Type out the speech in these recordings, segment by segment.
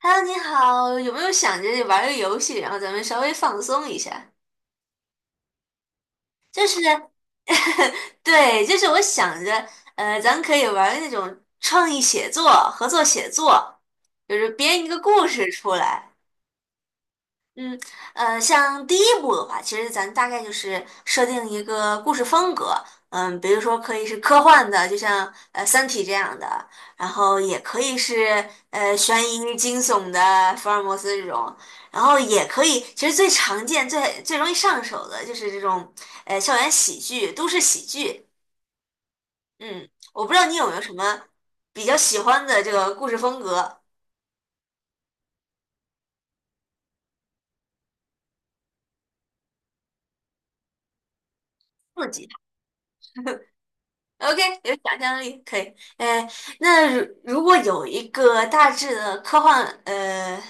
Hello，你好，有没有想着玩个游戏，然后咱们稍微放松一下？就是，对，就是我想着，咱可以玩那种创意写作、合作写作，就是编一个故事出来。嗯，像第一部的话，其实咱大概就是设定一个故事风格。嗯，比如说可以是科幻的，就像《三体》这样的，然后也可以是悬疑惊悚的福尔摩斯这种，然后也可以，其实最常见、最容易上手的就是这种校园喜剧、都市喜剧。嗯，我不知道你有没有什么比较喜欢的这个故事风格。OK，有想象力，可以。哎，那如果有一个大致的科幻，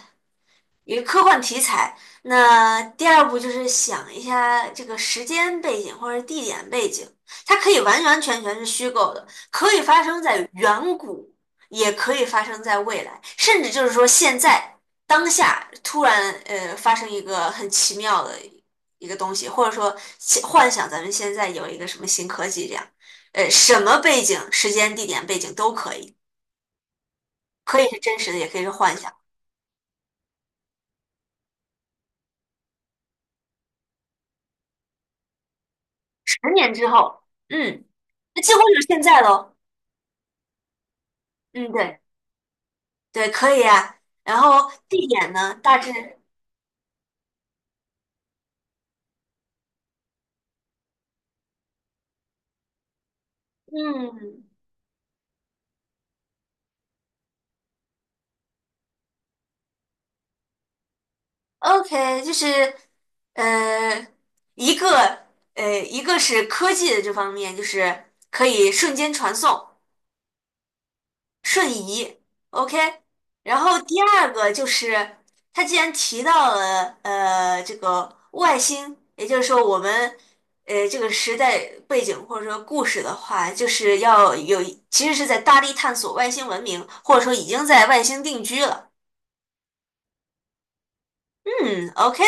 一个科幻题材，那第二步就是想一下这个时间背景或者地点背景。它可以完完全全是虚构的，可以发生在远古，也可以发生在未来，甚至就是说现在当下突然发生一个很奇妙的一个东西，或者说幻想咱们现在有一个什么新科技这样。什么背景、时间、地点、背景都可以，可以是真实的，也可以是幻想。10年之后，嗯，那几乎就是现在喽。嗯，对对，可以啊。然后地点呢，大致，嗯，OK，就是呃，一个一个是科技的这方面，就是可以瞬间传送，瞬移，OK。然后第二个就是，他既然提到了这个外星，也就是说我们这个时代背景或者说故事的话，就是要有其实是在大力探索外星文明，或者说已经在外星定居了。嗯，OK。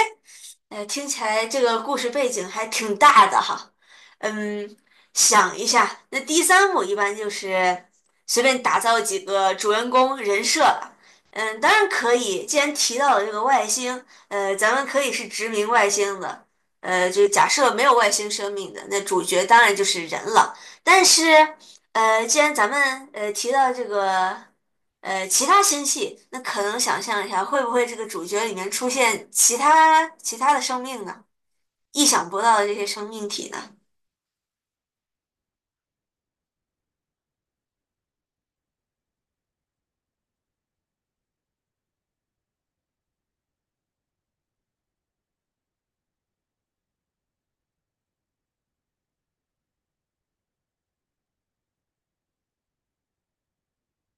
听起来这个故事背景还挺大的哈。嗯，想一下，那第三幕一般就是随便打造几个主人公人设吧。嗯，当然可以。既然提到了这个外星，咱们可以是殖民外星的。就假设没有外星生命的，那主角当然就是人了。但是，既然咱们提到这个。其他星系，那可能想象一下，会不会这个主角里面出现其他的生命呢？意想不到的这些生命体呢。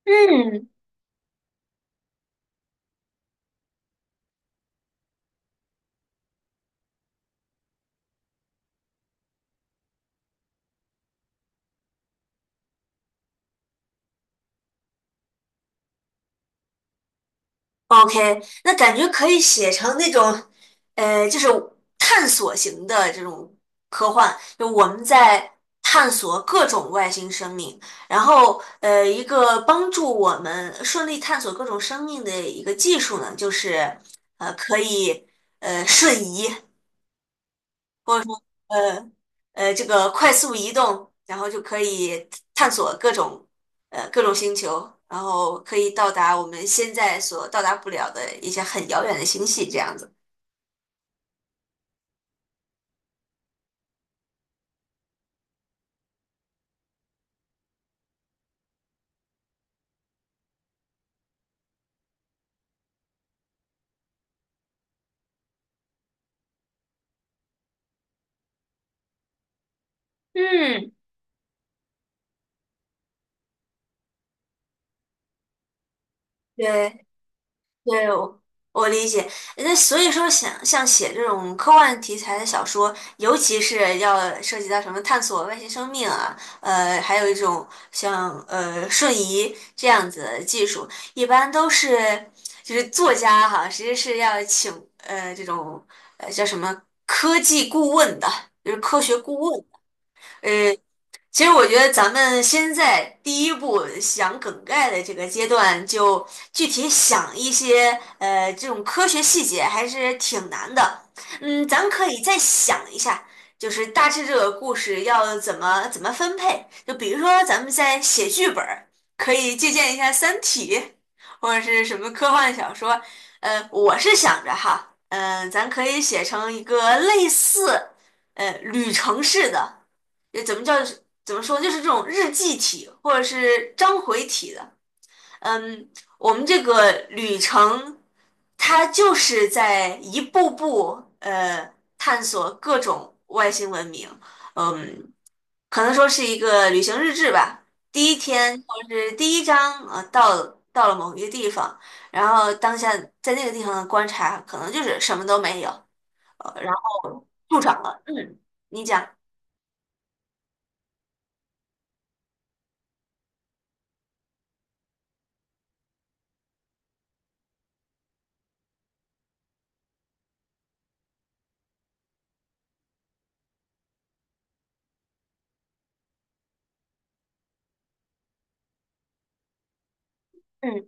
嗯，？OK，那感觉可以写成那种，就是探索型的这种科幻，就我们在探索各种外星生命，然后一个帮助我们顺利探索各种生命的一个技术呢，就是可以瞬移。呃这个快速移动，然后就可以探索各种各种星球，然后可以到达我们现在所到达不了的一些很遥远的星系，这样子。嗯，对，对，我理解。那所以说想，像写这种科幻题材的小说，尤其是要涉及到什么探索外星生命啊，还有一种像瞬移这样子的技术，一般都是就是作家哈，其实是要请这种叫什么科技顾问的，就是科学顾问。呃。其实我觉得咱们先在第一步想梗概的这个阶段，就具体想一些这种科学细节，还是挺难的。嗯，咱们可以再想一下，就是大致这个故事要怎么怎么分配。就比如说咱们在写剧本儿，可以借鉴一下《三体》或者是什么科幻小说。我是想着哈，嗯、咱可以写成一个类似旅程式的。也怎么叫怎么说，就是这种日记体或者是章回体的。嗯，我们这个旅程，它就是在一步步探索各种外星文明。嗯，可能说是一个旅行日志吧。第一天或者是第一章，到了某一个地方，然后当下在那个地方的观察，可能就是什么都没有，然后助长了。嗯，你讲。嗯。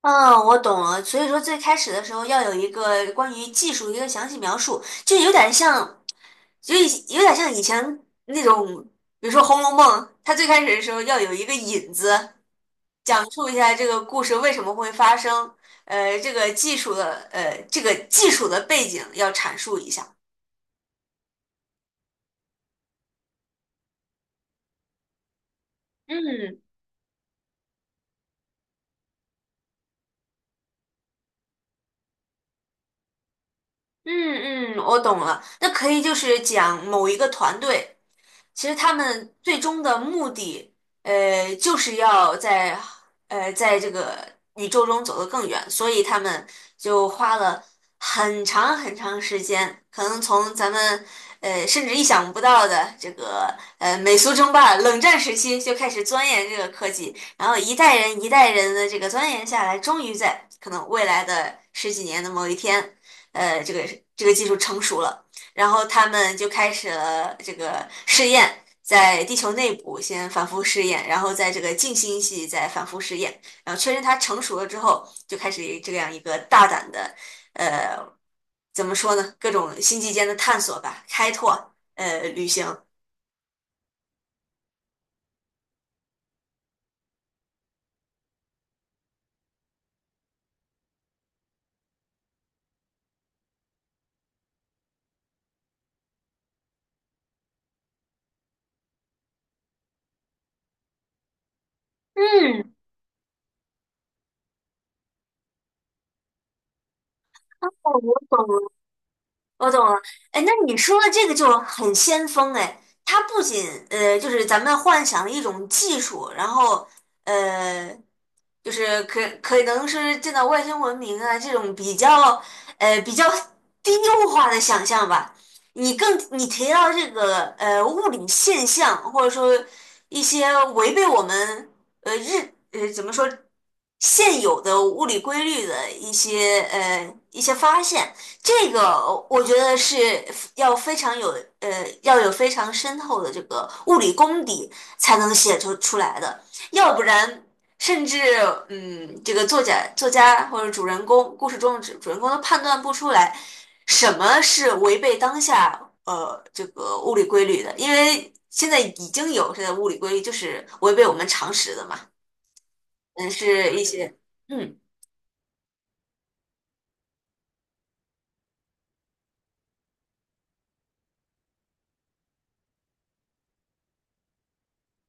嗯，我懂了。所以说，最开始的时候要有一个关于技术的一个详细描述，就有点像，就有点像以前那种，比如说《红楼梦》，它最开始的时候要有一个引子，讲述一下这个故事为什么会发生。这个技术的，这个技术的背景要阐述一下。嗯嗯嗯，我懂了。那可以就是讲某一个团队。其实他们最终的目的，就是要在在这个宇宙中走得更远，所以他们就花了很长很长时间，可能从咱们甚至意想不到的这个美苏争霸、冷战时期就开始钻研这个科技，然后一代人一代人的这个钻研下来，终于在可能未来的十几年的某一天，呃，这个这个技术成熟了。然后他们就开始了这个试验，在地球内部先反复试验，然后在这个近星系再反复试验，然后确认它成熟了之后，就开始这样一个大胆的，呃，怎么说呢？各种星际间的探索吧，开拓，旅行。嗯，哦我懂了，哎，那你说的这个就很先锋哎。它不仅就是咱们幻想一种技术，然后呃，就是可能是见到外星文明啊这种比较比较低幼化的想象吧。你提到这个物理现象，或者说一些违背我们。呃日呃怎么说现有的物理规律的一些一些发现，这个我觉得是要非常有要有非常深厚的这个物理功底才能写出来的，要不然。甚至嗯，这个作家或者主人公故事中的主人公都判断不出来什么是违背当下这个物理规律的，因为现在已经有这个物理规律就是违背我们常识的嘛。嗯，是一些嗯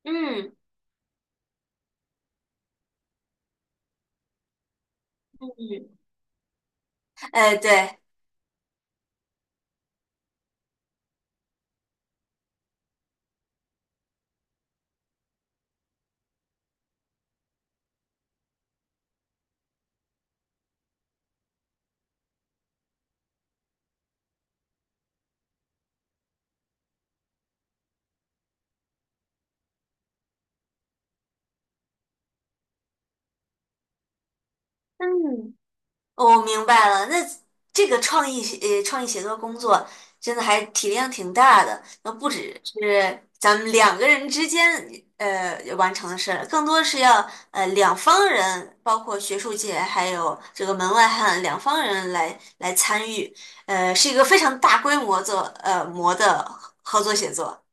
嗯，嗯，哎对。嗯。我明白了。那这个创意写作工作真的还体量挺大的，那不只是咱们两个人之间完成的事儿，更多是要两方人，包括学术界还有这个门外汉两方人来参与，是一个非常大规模模的合作写作。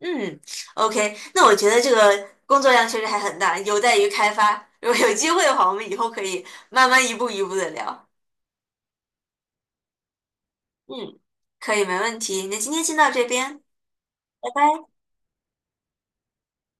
嗯，OK，那我觉得这个工作量确实还很大，有待于开发。如果有机会的话，我们以后可以慢慢一步一步的聊。嗯，可以，没问题。那今天先到这边，拜拜。